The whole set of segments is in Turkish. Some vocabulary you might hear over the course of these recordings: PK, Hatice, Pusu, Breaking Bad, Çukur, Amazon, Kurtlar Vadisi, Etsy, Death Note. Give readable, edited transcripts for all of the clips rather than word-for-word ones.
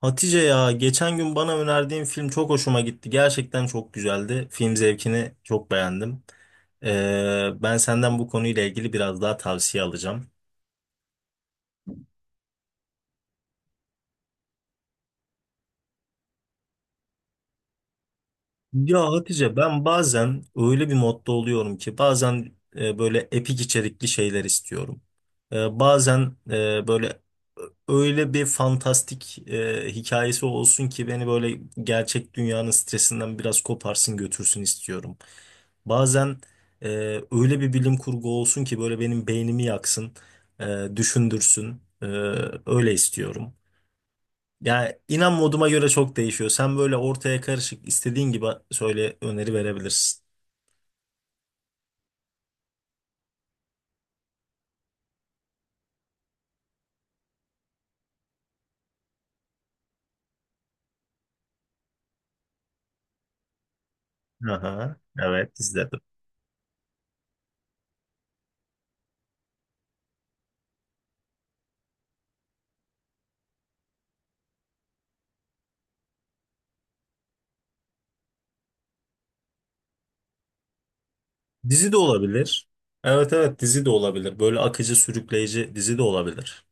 Hatice ya geçen gün bana önerdiğin film çok hoşuma gitti. Gerçekten çok güzeldi. Film zevkini çok beğendim. Ben senden bu konuyla ilgili biraz daha tavsiye alacağım. Ya Hatice ben bazen öyle bir modda oluyorum ki bazen böyle epik içerikli şeyler istiyorum. Bazen böyle öyle bir fantastik hikayesi olsun ki beni böyle gerçek dünyanın stresinden biraz koparsın götürsün istiyorum. Bazen e, öyle bir bilim kurgu olsun ki böyle benim beynimi yaksın, düşündürsün. Öyle istiyorum. Yani inan moduma göre çok değişiyor. Sen böyle ortaya karışık istediğin gibi söyle öneri verebilirsin. Aha, evet izledim. Dizi de olabilir. Evet, evet, dizi de olabilir. Böyle akıcı sürükleyici dizi de olabilir.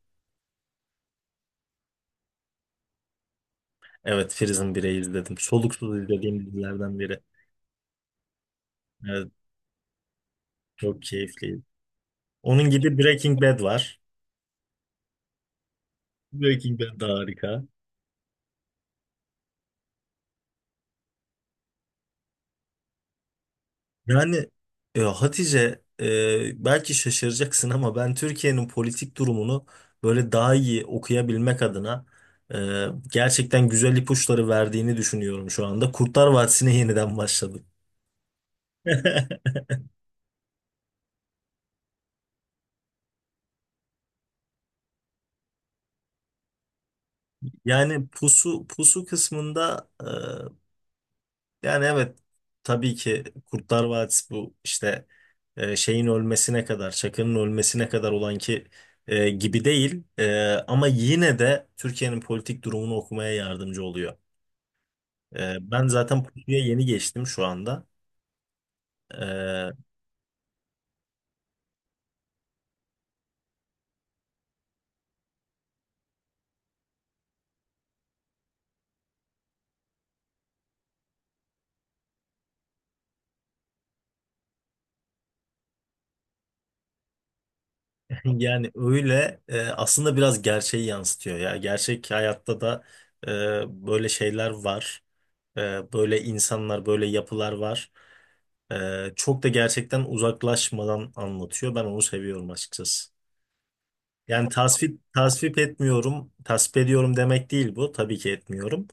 Evet, Prison Break'i izledim. Soluksuz izlediğim dizilerden biri. Evet, çok keyifliydi. Onun gibi Breaking Bad var. Breaking Bad da harika. Yani Hatice belki şaşıracaksın ama ben Türkiye'nin politik durumunu böyle daha iyi okuyabilmek adına gerçekten güzel ipuçları verdiğini düşünüyorum şu anda. Kurtlar Vadisi'ne yeniden başladım. Yani pusu pusu kısmında yani evet, tabii ki Kurtlar Vadisi bu işte şeyin ölmesine kadar, Çakı'nın ölmesine kadar olan ki gibi değil. Ama yine de Türkiye'nin politik durumunu okumaya yardımcı oluyor. Ben zaten Pusu'ya yeni geçtim şu anda. E, Yani öyle aslında biraz gerçeği yansıtıyor ya. Gerçek hayatta da böyle şeyler var. Böyle insanlar, böyle yapılar var. Çok da gerçekten uzaklaşmadan anlatıyor. Ben onu seviyorum açıkçası. Yani tasvip etmiyorum, tasvip ediyorum demek değil bu. Tabii ki etmiyorum.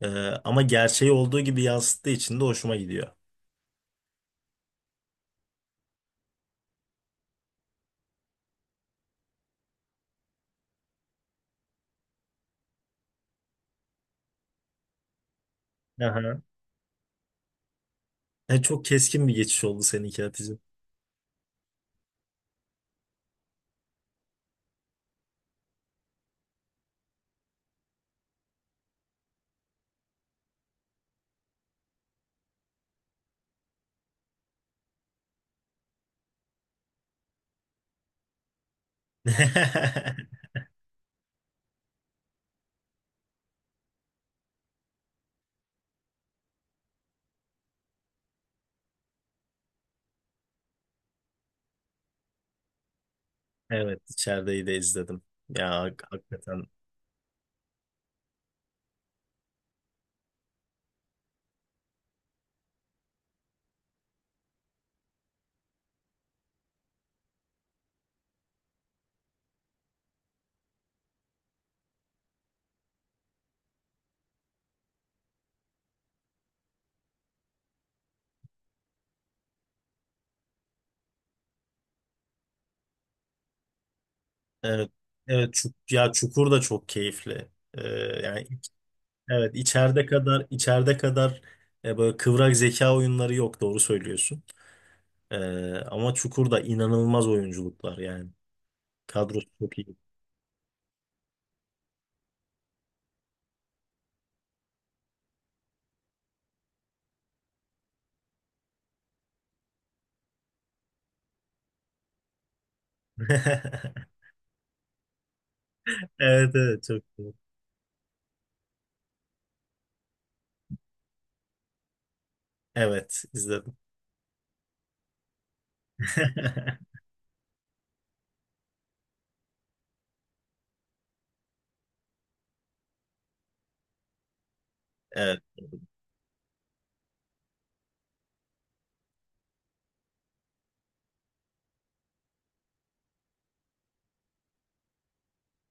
E, Ama gerçeği olduğu gibi yansıttığı için de hoşuma gidiyor. Aha. Çok keskin bir geçiş oldu seninki Hatice. Evet, içerideyi de izledim. Ya hakikaten. Evet, evet, ya Çukur da çok keyifli. Ee, Yani evet, içeride kadar böyle kıvrak zeka oyunları yok, doğru söylüyorsun. Ee, Ama Çukur'da inanılmaz oyunculuklar yani. Kadrosu çok iyi. Evet, evet, çok iyi. Evet, izledim. Evet.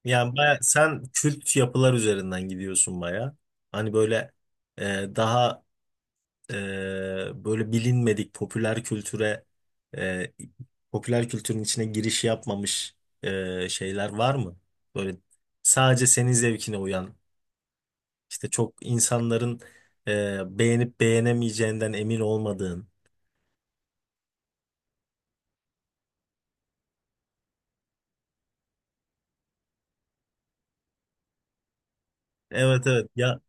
Yani baya, sen kült yapılar üzerinden gidiyorsun baya. Hani böyle daha böyle bilinmedik popüler e, popüler kültürün içine giriş yapmamış şeyler var mı? Böyle sadece senin zevkine uyan işte çok insanların beğenip beğenemeyeceğinden emin olmadığın. Evet, evet ya,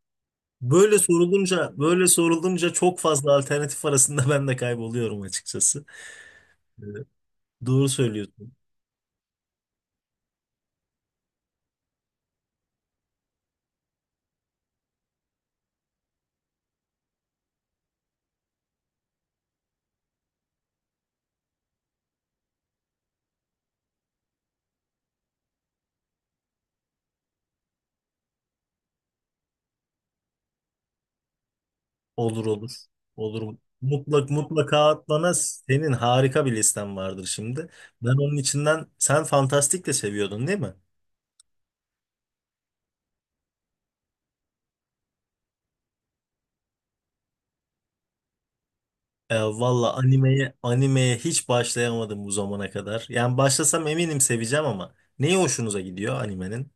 böyle sorulunca çok fazla alternatif arasında ben de kayboluyorum açıkçası. E, doğru söylüyorsun. Olur, olur. Olur. Mutlaka atlana senin harika bir listen vardır şimdi. Ben onun içinden sen fantastik de seviyordun değil mi? Valla animeye hiç başlayamadım bu zamana kadar. Yani başlasam eminim seveceğim ama neyi hoşunuza gidiyor animenin?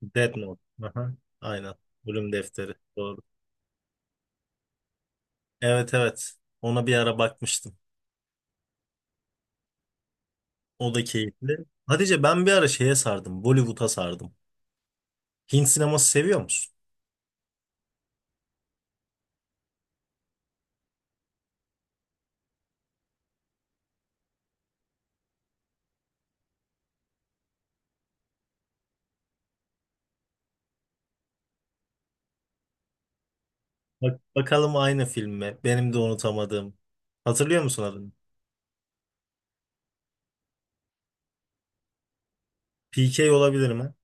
Death Note. Aha, aynen. Bölüm defteri. Doğru. Evet, evet. Ona bir ara bakmıştım. O da keyifli. Hatice ben bir ara şeye sardım. Bollywood'a sardım. Hint sineması seviyor musun? Bak, bakalım aynı film mi? Benim de unutamadığım. Hatırlıyor musun adını? PK olabilir mi?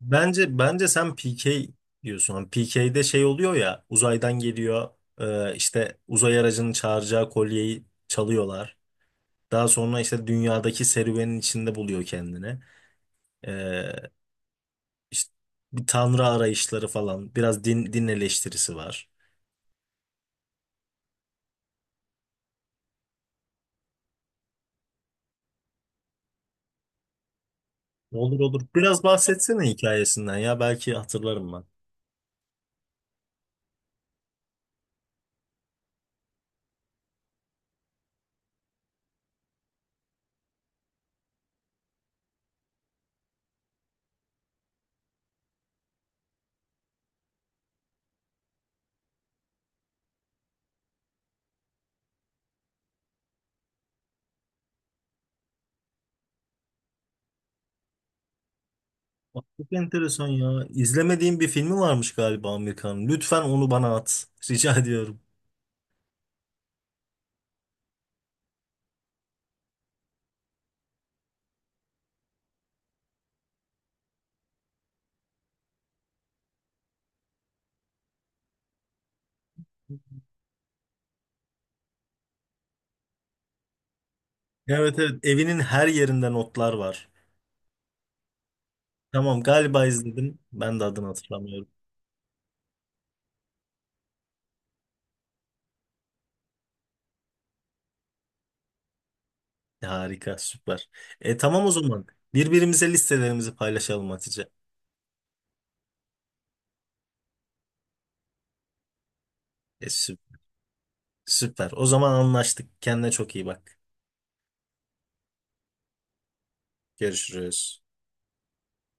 Bence sen PK diyorsun. PK'de şey oluyor ya, uzaydan geliyor, işte uzay aracının çağıracağı kolyeyi çalıyorlar. Daha sonra işte dünyadaki serüvenin içinde buluyor kendini. E, işte bir tanrı arayışları falan, biraz din, din eleştirisi var. Olur, olur. Biraz bahsetsene hikayesinden ya, belki hatırlarım ben. Bak, çok enteresan ya. İzlemediğim bir filmi varmış galiba Amerikan. Lütfen onu bana at. Rica ediyorum. Evet, evet. Evinin her yerinde notlar var. Tamam, galiba izledim. Ben de adını hatırlamıyorum. Harika, süper. E tamam o zaman. Birbirimize listelerimizi paylaşalım Hatice. E, sü- Süper. O zaman anlaştık. Kendine çok iyi bak. Görüşürüz.